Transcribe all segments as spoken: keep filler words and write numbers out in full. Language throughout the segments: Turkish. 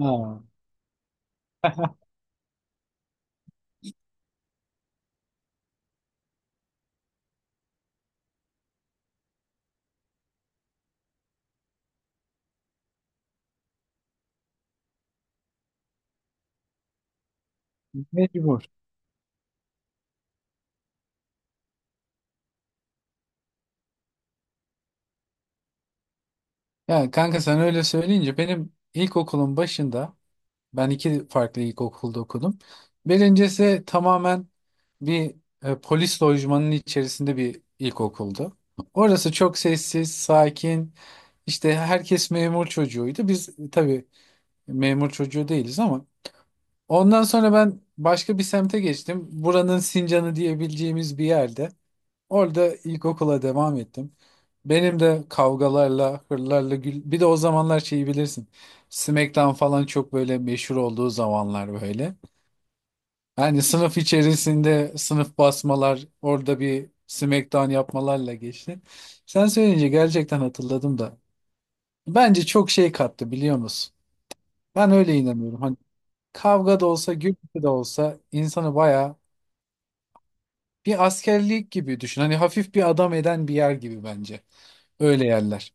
Aa. Mecbur. Ya kanka sen öyle söyleyince benim ilkokulun başında ben iki farklı ilkokulda okudum. Birincisi tamamen bir e, polis lojmanının içerisinde bir ilkokuldu. Orası çok sessiz, sakin. İşte herkes memur çocuğuydu. Biz tabii memur çocuğu değiliz, ama ondan sonra ben başka bir semte geçtim. Buranın Sincan'ı diyebileceğimiz bir yerde. Orada ilkokula devam ettim. Benim de kavgalarla, hırlarla, gül... bir de o zamanlar şeyi bilirsin. SmackDown falan çok böyle meşhur olduğu zamanlar böyle. Yani sınıf içerisinde sınıf basmalar, orada bir SmackDown yapmalarla geçti. Sen söyleyince gerçekten hatırladım da. Bence çok şey kattı, biliyor musun? Ben öyle inanıyorum. Hani kavga da olsa, gürültü de olsa insanı bayağı bir askerlik gibi düşün. Hani hafif bir adam eden bir yer gibi bence. Öyle yerler.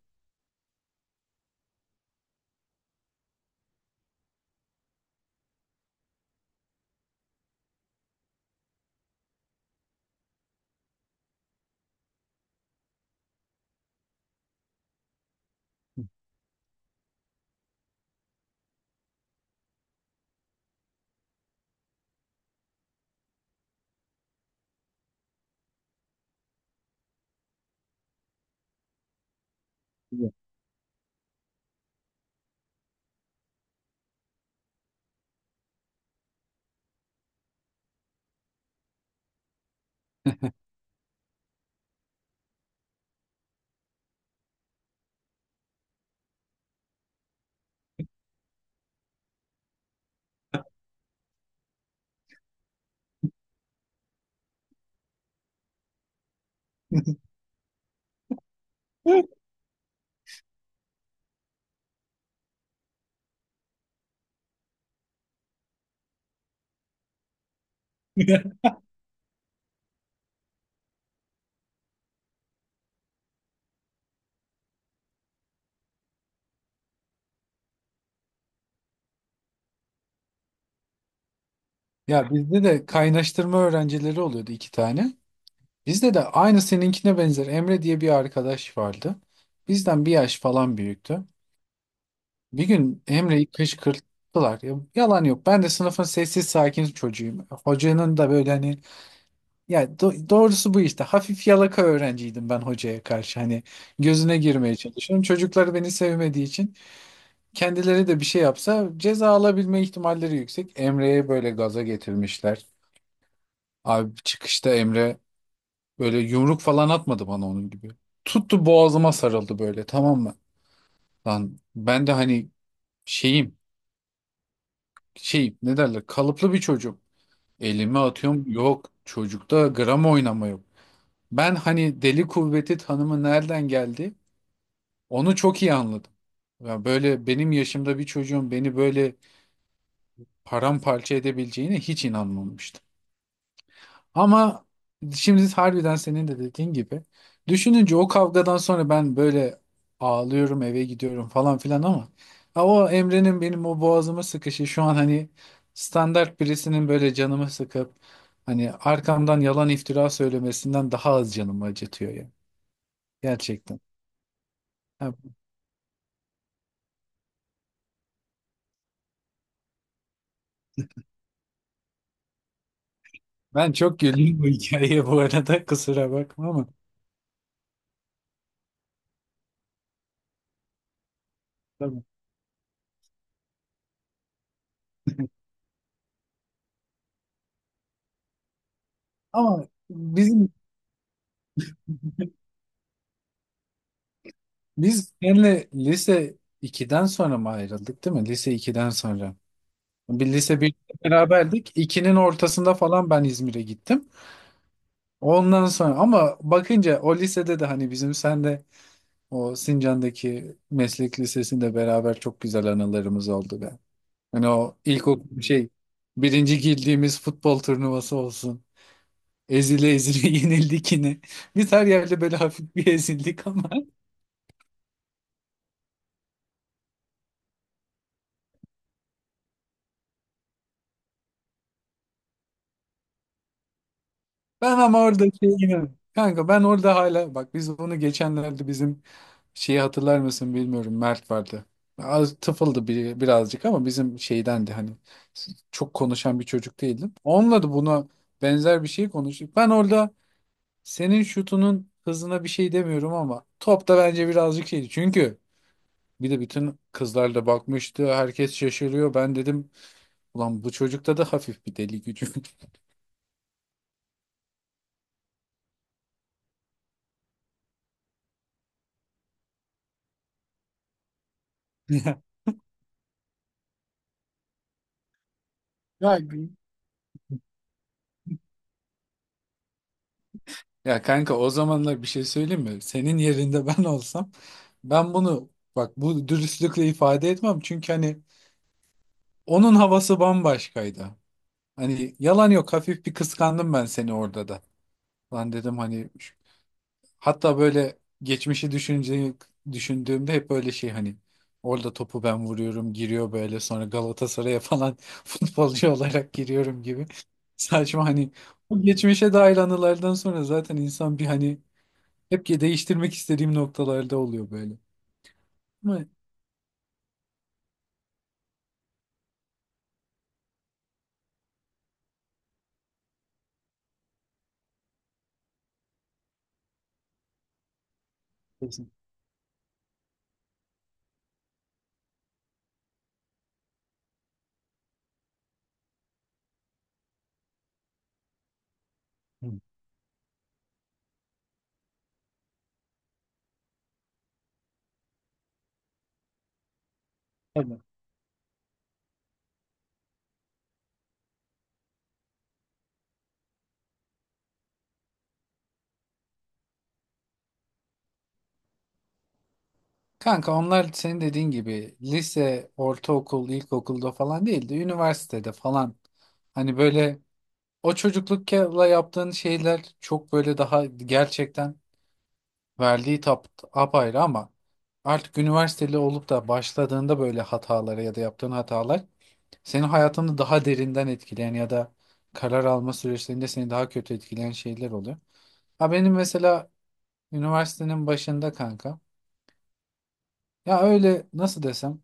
Ya bizde de kaynaştırma öğrencileri oluyordu, iki tane. Bizde de aynı seninkine benzer Emre diye bir arkadaş vardı. Bizden bir yaş falan büyüktü. Bir gün Emre'yi kışkırttılar. Ya, yalan yok. Ben de sınıfın sessiz sakin çocuğuyum. Hocanın da böyle hani ya do- doğrusu bu işte. Hafif yalaka öğrenciydim ben hocaya karşı. Hani gözüne girmeye çalışıyorum. Çocuklar beni sevmediği için kendileri de bir şey yapsa ceza alabilme ihtimalleri yüksek. Emre'ye böyle gaza getirmişler. Abi çıkışta Emre böyle yumruk falan atmadı bana onun gibi. Tuttu boğazıma sarıldı böyle, tamam mı? Lan ben de hani şeyim, şey ne derler, kalıplı bir çocuk. Elimi atıyorum, yok çocukta gram oynama yok. Ben hani deli kuvveti tanımı nereden geldi onu çok iyi anladım. Ya böyle benim yaşımda bir çocuğun beni böyle paramparça edebileceğine hiç inanmamıştım. Ama şimdi harbiden senin de dediğin gibi düşününce o kavgadan sonra ben böyle ağlıyorum, eve gidiyorum falan filan, ama ha o Emre'nin benim o boğazıma sıkışı şu an hani standart birisinin böyle canımı sıkıp hani arkamdan yalan iftira söylemesinden daha az canımı acıtıyor ya, gerçekten. Ha, ben çok güldüm bu hikayeye bu arada, kusura bakma ama. Tabii. Ama bizim biz seninle lise ikiden sonra mı ayrıldık, değil mi? Lise ikiden sonra. Bir lise bir beraberdik. İkinin ortasında falan ben İzmir'e gittim. Ondan sonra ama bakınca o lisede de hani bizim sen de o Sincan'daki meslek lisesinde beraber çok güzel anılarımız oldu be. Hani o ilkokul şey birinci girdiğimiz futbol turnuvası olsun. Ezile ezile yenildik yine. Biz her yerde böyle hafif bir ezildik, ama ben ama orada şey yine- Kanka ben orada hala, bak, biz bunu geçenlerde bizim şeyi hatırlar mısın bilmiyorum, Mert vardı. Az tıfıldı bir, birazcık ama bizim şeydendi, hani çok konuşan bir çocuk değildim. Onunla da buna benzer bir şey konuştuk. Ben orada senin şutunun hızına bir şey demiyorum ama top da bence birazcık şeydi. Çünkü bir de bütün kızlar da bakmıştı. Herkes şaşırıyor. Ben dedim, ulan bu çocukta da hafif bir deli gücü. Ya Ya Ya kanka o zamanlar bir şey söyleyeyim mi? Senin yerinde ben olsam ben bunu bak bu dürüstlükle ifade etmem. Çünkü hani onun havası bambaşkaydı. Hani yalan yok, hafif bir kıskandım ben seni orada da. Lan dedim hani şu- hatta böyle geçmişi düşünce, düşündüğümde hep böyle şey hani orada topu ben vuruyorum, giriyor böyle, sonra Galatasaray'a falan futbolcu olarak giriyorum gibi. Saçma, hani bu geçmişe dair anılardan sonra zaten insan bir hani hep ki değiştirmek istediğim noktalarda oluyor böyle. Ama. Kesin. Hı. Tabii. Kanka onlar senin dediğin gibi lise, ortaokul, ilkokulda falan değil de üniversitede falan. Hani böyle o çocuklukla yaptığın şeyler çok böyle daha gerçekten verdiği tap apayrı, ama artık üniversiteli olup da başladığında böyle hatalara ya da yaptığın hatalar senin hayatını daha derinden etkileyen ya da karar alma süreçlerinde seni daha kötü etkileyen şeyler oluyor. Ha benim mesela üniversitenin başında kanka, ya öyle nasıl desem,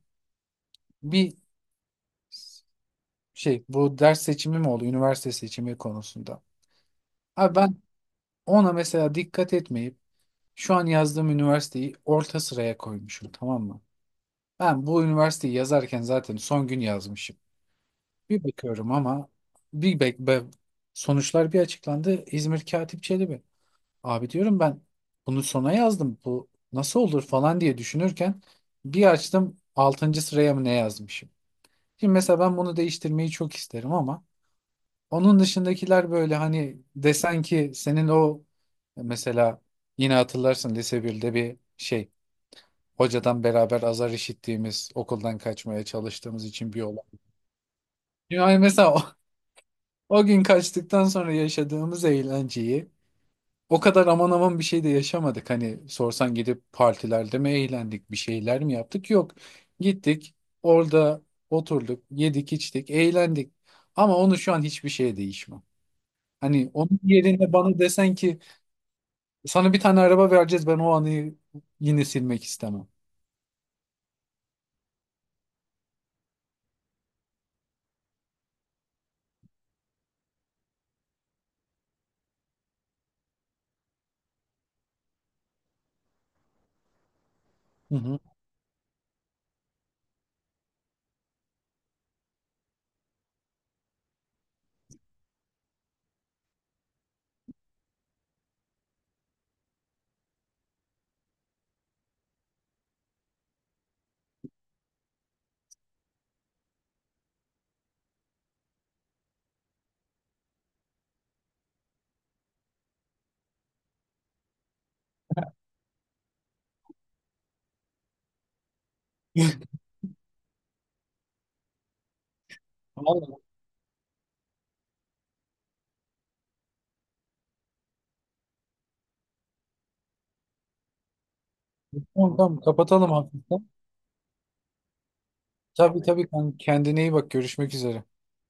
bir şey bu ders seçimi mi oldu üniversite seçimi konusunda. Abi ben ona mesela dikkat etmeyip şu an yazdığım üniversiteyi orta sıraya koymuşum, tamam mı? Ben bu üniversiteyi yazarken zaten son gün yazmışım. Bir bakıyorum ama bir bek be- sonuçlar bir açıklandı. İzmir Katip Çelebi. Abi diyorum ben bunu sona yazdım. Bu nasıl olur falan diye düşünürken bir açtım, altıncı sıraya mı ne yazmışım. Şimdi mesela ben bunu değiştirmeyi çok isterim, ama onun dışındakiler böyle hani desen ki senin o mesela yine hatırlarsın lise birde bir şey, hocadan beraber azar işittiğimiz okuldan kaçmaya çalıştığımız için bir olay. Yani mesela o, o gün kaçtıktan sonra yaşadığımız eğlenceyi o kadar aman aman bir şey de yaşamadık. Hani sorsan gidip partilerde mi eğlendik, bir şeyler mi yaptık? Yok. Gittik, orada oturduk, yedik, içtik, eğlendik. Ama onu şu an hiçbir şeye değişmem. Hani onun yerine bana desen ki sana bir tane araba vereceğiz, ben o anıyı yine silmek istemem. Hı hı. Vallahi. Tamam tamam, kapatalım hafiften. Tabii tabii kanka, kendine iyi bak, görüşmek üzere.